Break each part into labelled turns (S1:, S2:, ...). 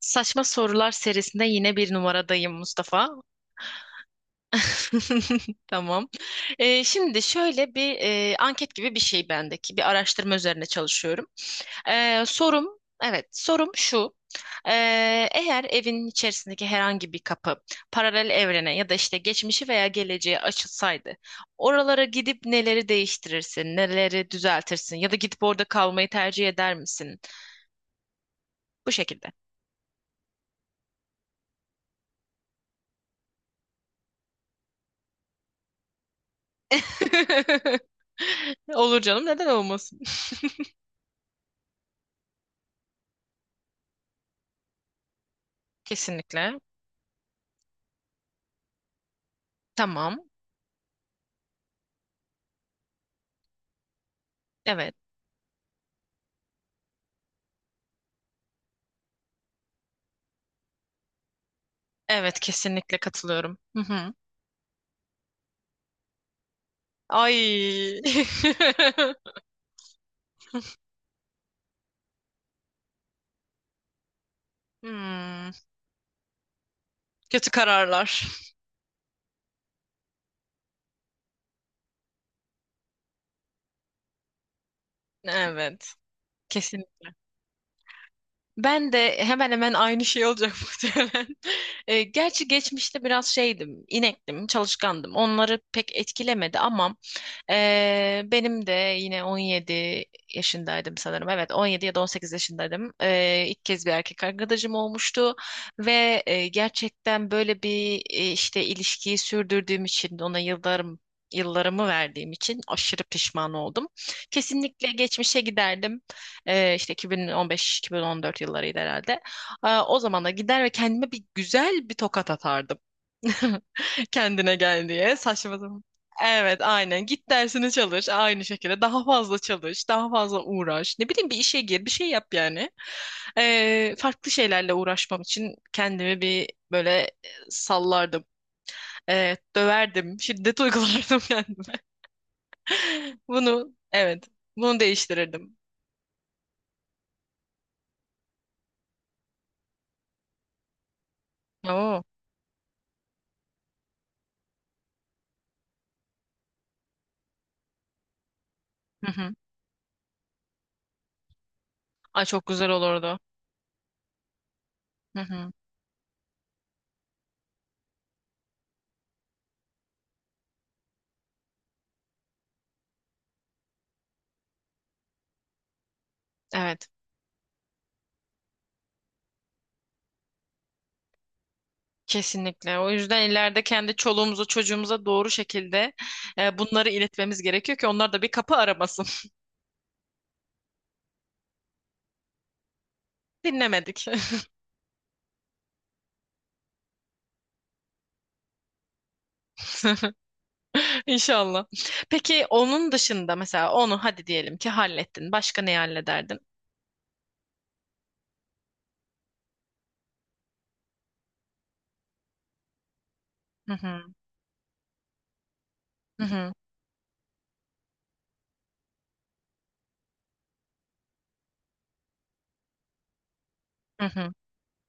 S1: Saçma Sorular serisinde yine bir numaradayım Mustafa. Tamam. Şimdi şöyle bir anket gibi bir şey bendeki. Bir araştırma üzerine çalışıyorum. Sorum, evet sorum şu. Ee, Eğer evin içerisindeki herhangi bir kapı paralel evrene ya da işte geçmişi veya geleceğe açılsaydı, oralara gidip neleri değiştirirsin, neleri düzeltirsin ya da gidip orada kalmayı tercih eder misin? Bu şekilde. Olur canım, neden olmasın? Kesinlikle. Tamam. Evet. Evet, kesinlikle katılıyorum. Hı hı. Ay. Hmm, kötü kararlar. Evet. Kesin. Ben de hemen hemen aynı şey olacak muhtemelen. Gerçi geçmişte biraz şeydim, inektim, çalışkandım. Onları pek etkilemedi ama benim de yine 17 yaşındaydım sanırım. Evet, 17 ya da 18 yaşındaydım. İlk kez bir erkek arkadaşım olmuştu ve gerçekten böyle bir işte ilişkiyi sürdürdüğüm için ona yıllarımı verdiğim için aşırı pişman oldum. Kesinlikle geçmişe giderdim. İşte 2015-2014 yıllarıydı herhalde. O zamana gider ve kendime bir güzel bir tokat atardım. Kendine gel diye, saçma zaman. Evet, aynen, git dersini çalış, aynı şekilde daha fazla çalış, daha fazla uğraş, ne bileyim bir işe gir, bir şey yap yani. Farklı şeylerle uğraşmam için kendimi bir böyle sallardım. Döverdim, şiddet uygulardım kendime, bunu, evet, bunu değiştirirdim. Oo. Hı hı. Ay, çok güzel olurdu. Hı hı. Evet. Kesinlikle. O yüzden ileride kendi çoluğumuza, çocuğumuza doğru şekilde bunları iletmemiz gerekiyor ki onlar da bir kapı aramasın. Dinlemedik. İnşallah. Peki onun dışında, mesela onu hadi diyelim ki hallettin. Başka neyi hallederdin? Hı hı, hı hı, hı hı.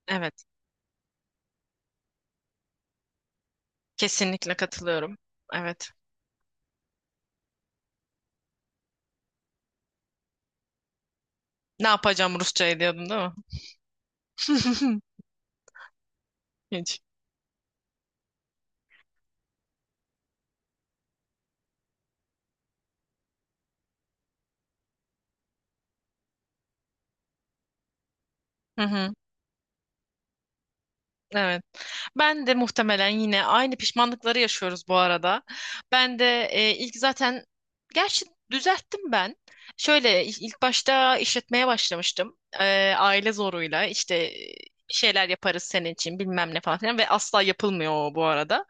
S1: Evet. Kesinlikle katılıyorum. Evet. Ne yapacağım Rusça'yı diyordun değil mi? Hiç. Hı hı. Evet. Ben de muhtemelen, yine aynı pişmanlıkları yaşıyoruz bu arada. Ben de ilk zaten, gerçi düzelttim ben. Şöyle ilk başta işletmeye başlamıştım. E, aile zoruyla işte şeyler yaparız senin için bilmem ne falan filan ve asla yapılmıyor o bu arada.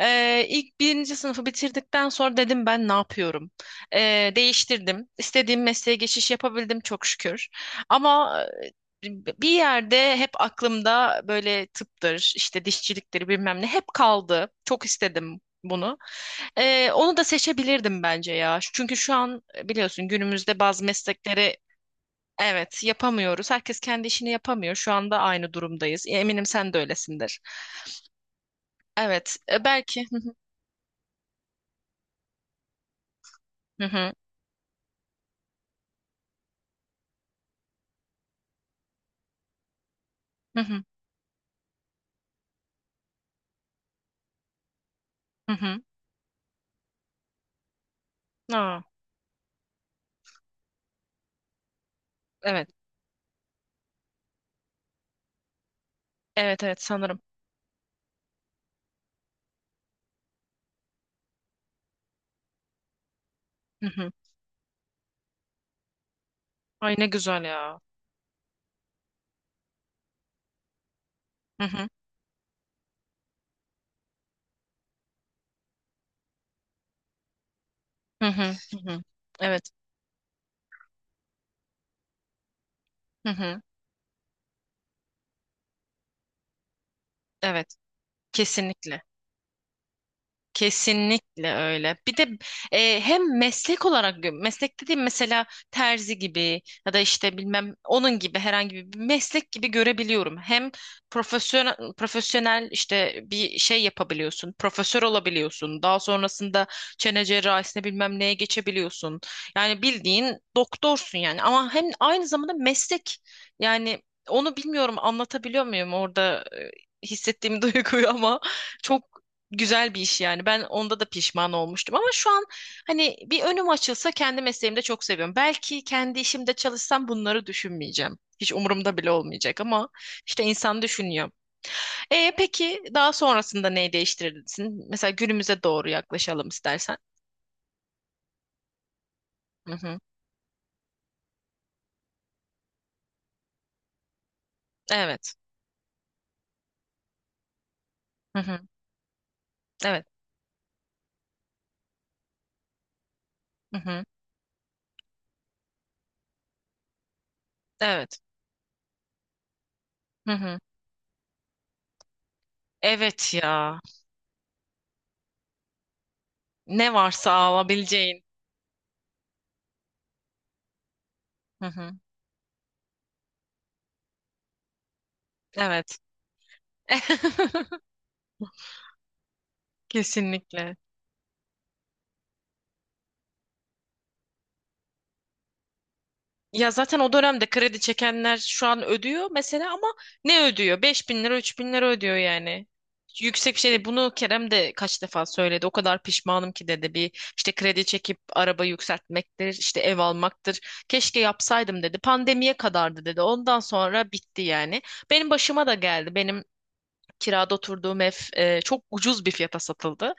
S1: E, ilk birinci sınıfı bitirdikten sonra dedim ben ne yapıyorum? E, Değiştirdim. İstediğim mesleğe geçiş yapabildim çok şükür. Ama bir yerde hep aklımda böyle tıptır, işte dişçiliktir bilmem ne hep kaldı. Çok istedim bunu. Onu da seçebilirdim bence ya. Çünkü şu an biliyorsun günümüzde bazı meslekleri, evet, yapamıyoruz. Herkes kendi işini yapamıyor. Şu anda aynı durumdayız. E, eminim sen de öylesindir. Evet, belki. Hı hı. Hı hı. Hı hı, hı. Aa, evet. Evet evet, sanırım. Hı hı. Ay ne güzel ya. Hı hı. Hı hı. Hı hı. Evet. Hı hı. Evet. Kesinlikle. Kesinlikle öyle. Bir de hem meslek olarak meslek dediğim, mesela terzi gibi ya da işte bilmem onun gibi herhangi bir meslek gibi görebiliyorum. Hem profesyonel profesyonel işte bir şey yapabiliyorsun. Profesör olabiliyorsun. Daha sonrasında çene cerrahisine bilmem neye geçebiliyorsun. Yani bildiğin doktorsun yani, ama hem aynı zamanda meslek yani, onu bilmiyorum, anlatabiliyor muyum orada hissettiğim duyguyu, ama çok güzel bir iş yani. Ben onda da pişman olmuştum ama şu an, hani bir önüm açılsa, kendi mesleğimde çok seviyorum. Belki kendi işimde çalışsam bunları düşünmeyeceğim. Hiç umurumda bile olmayacak, ama işte insan düşünüyor. E peki, daha sonrasında neyi değiştirirsin? Mesela günümüze doğru yaklaşalım istersen. Hı hı. Evet. Hı hı. Evet. Hı hı. Evet. Hı hı. Evet ya. Ne varsa alabileceğin. Hı hı. Evet. Kesinlikle. Ya zaten o dönemde kredi çekenler şu an ödüyor mesela, ama ne ödüyor? 5.000 lira, 3.000 lira ödüyor yani. Yüksek bir şey değil. Bunu Kerem de kaç defa söyledi. O kadar pişmanım ki dedi. Bir işte kredi çekip araba yükseltmektir, işte ev almaktır. Keşke yapsaydım dedi. Pandemiye kadardı dedi. Ondan sonra bitti yani. Benim başıma da geldi. Benim kirada oturduğum ev çok ucuz bir fiyata satıldı.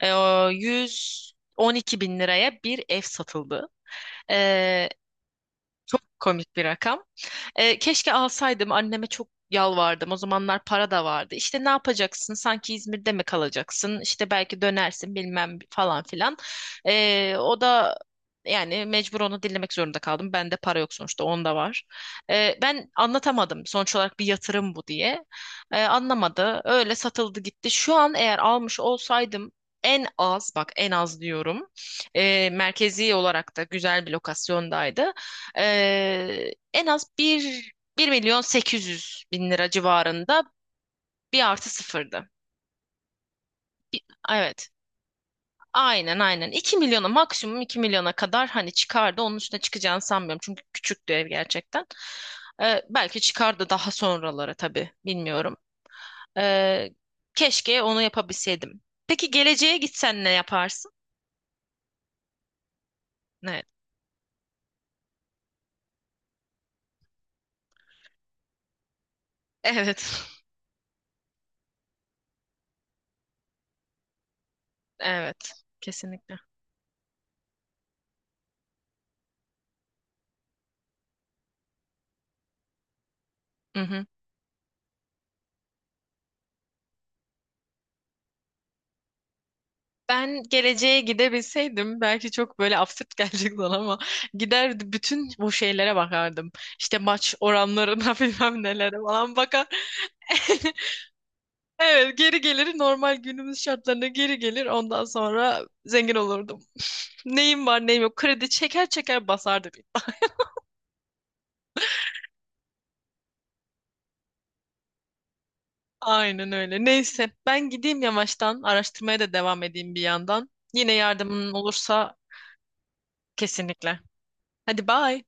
S1: E, o 112 bin liraya bir ev satıldı. E, çok komik bir rakam. Keşke alsaydım, anneme çok yalvardım. O zamanlar para da vardı. İşte ne yapacaksın? Sanki İzmir'de mi kalacaksın? İşte belki dönersin bilmem falan filan. O da yani mecbur, onu dinlemek zorunda kaldım. Bende para yok sonuçta, onda var. Ben anlatamadım sonuç olarak bir yatırım bu diye. Anlamadı. Öyle satıldı gitti. Şu an eğer almış olsaydım, en az, bak en az diyorum. Merkezi olarak da güzel bir lokasyondaydı. En az 1.800.000 lira civarında, bir artı sıfırdı. Evet. Aynen aynen. 2.000.000'a, maksimum 2.000.000'a kadar hani çıkardı. Onun üstüne çıkacağını sanmıyorum. Çünkü küçüktü ev gerçekten. Belki çıkardı daha sonralara tabii. Bilmiyorum. Ee, Keşke onu yapabilseydim. Peki geleceğe gitsen ne yaparsın? Evet. Evet. Evet. Kesinlikle. Mhm. Ben geleceğe gidebilseydim belki çok böyle absürt gelecek sana, ama gider bütün bu şeylere bakardım. İşte maç oranlarına bilmem nelere falan bakar. Evet, geri gelir normal günümüz şartlarına, geri gelir ondan sonra zengin olurdum. Neyim var neyim yok kredi çeker çeker basardı. Bir. Aynen öyle, neyse ben gideyim yavaştan, araştırmaya da devam edeyim bir yandan. Yine yardımın olursa kesinlikle. Hadi bye.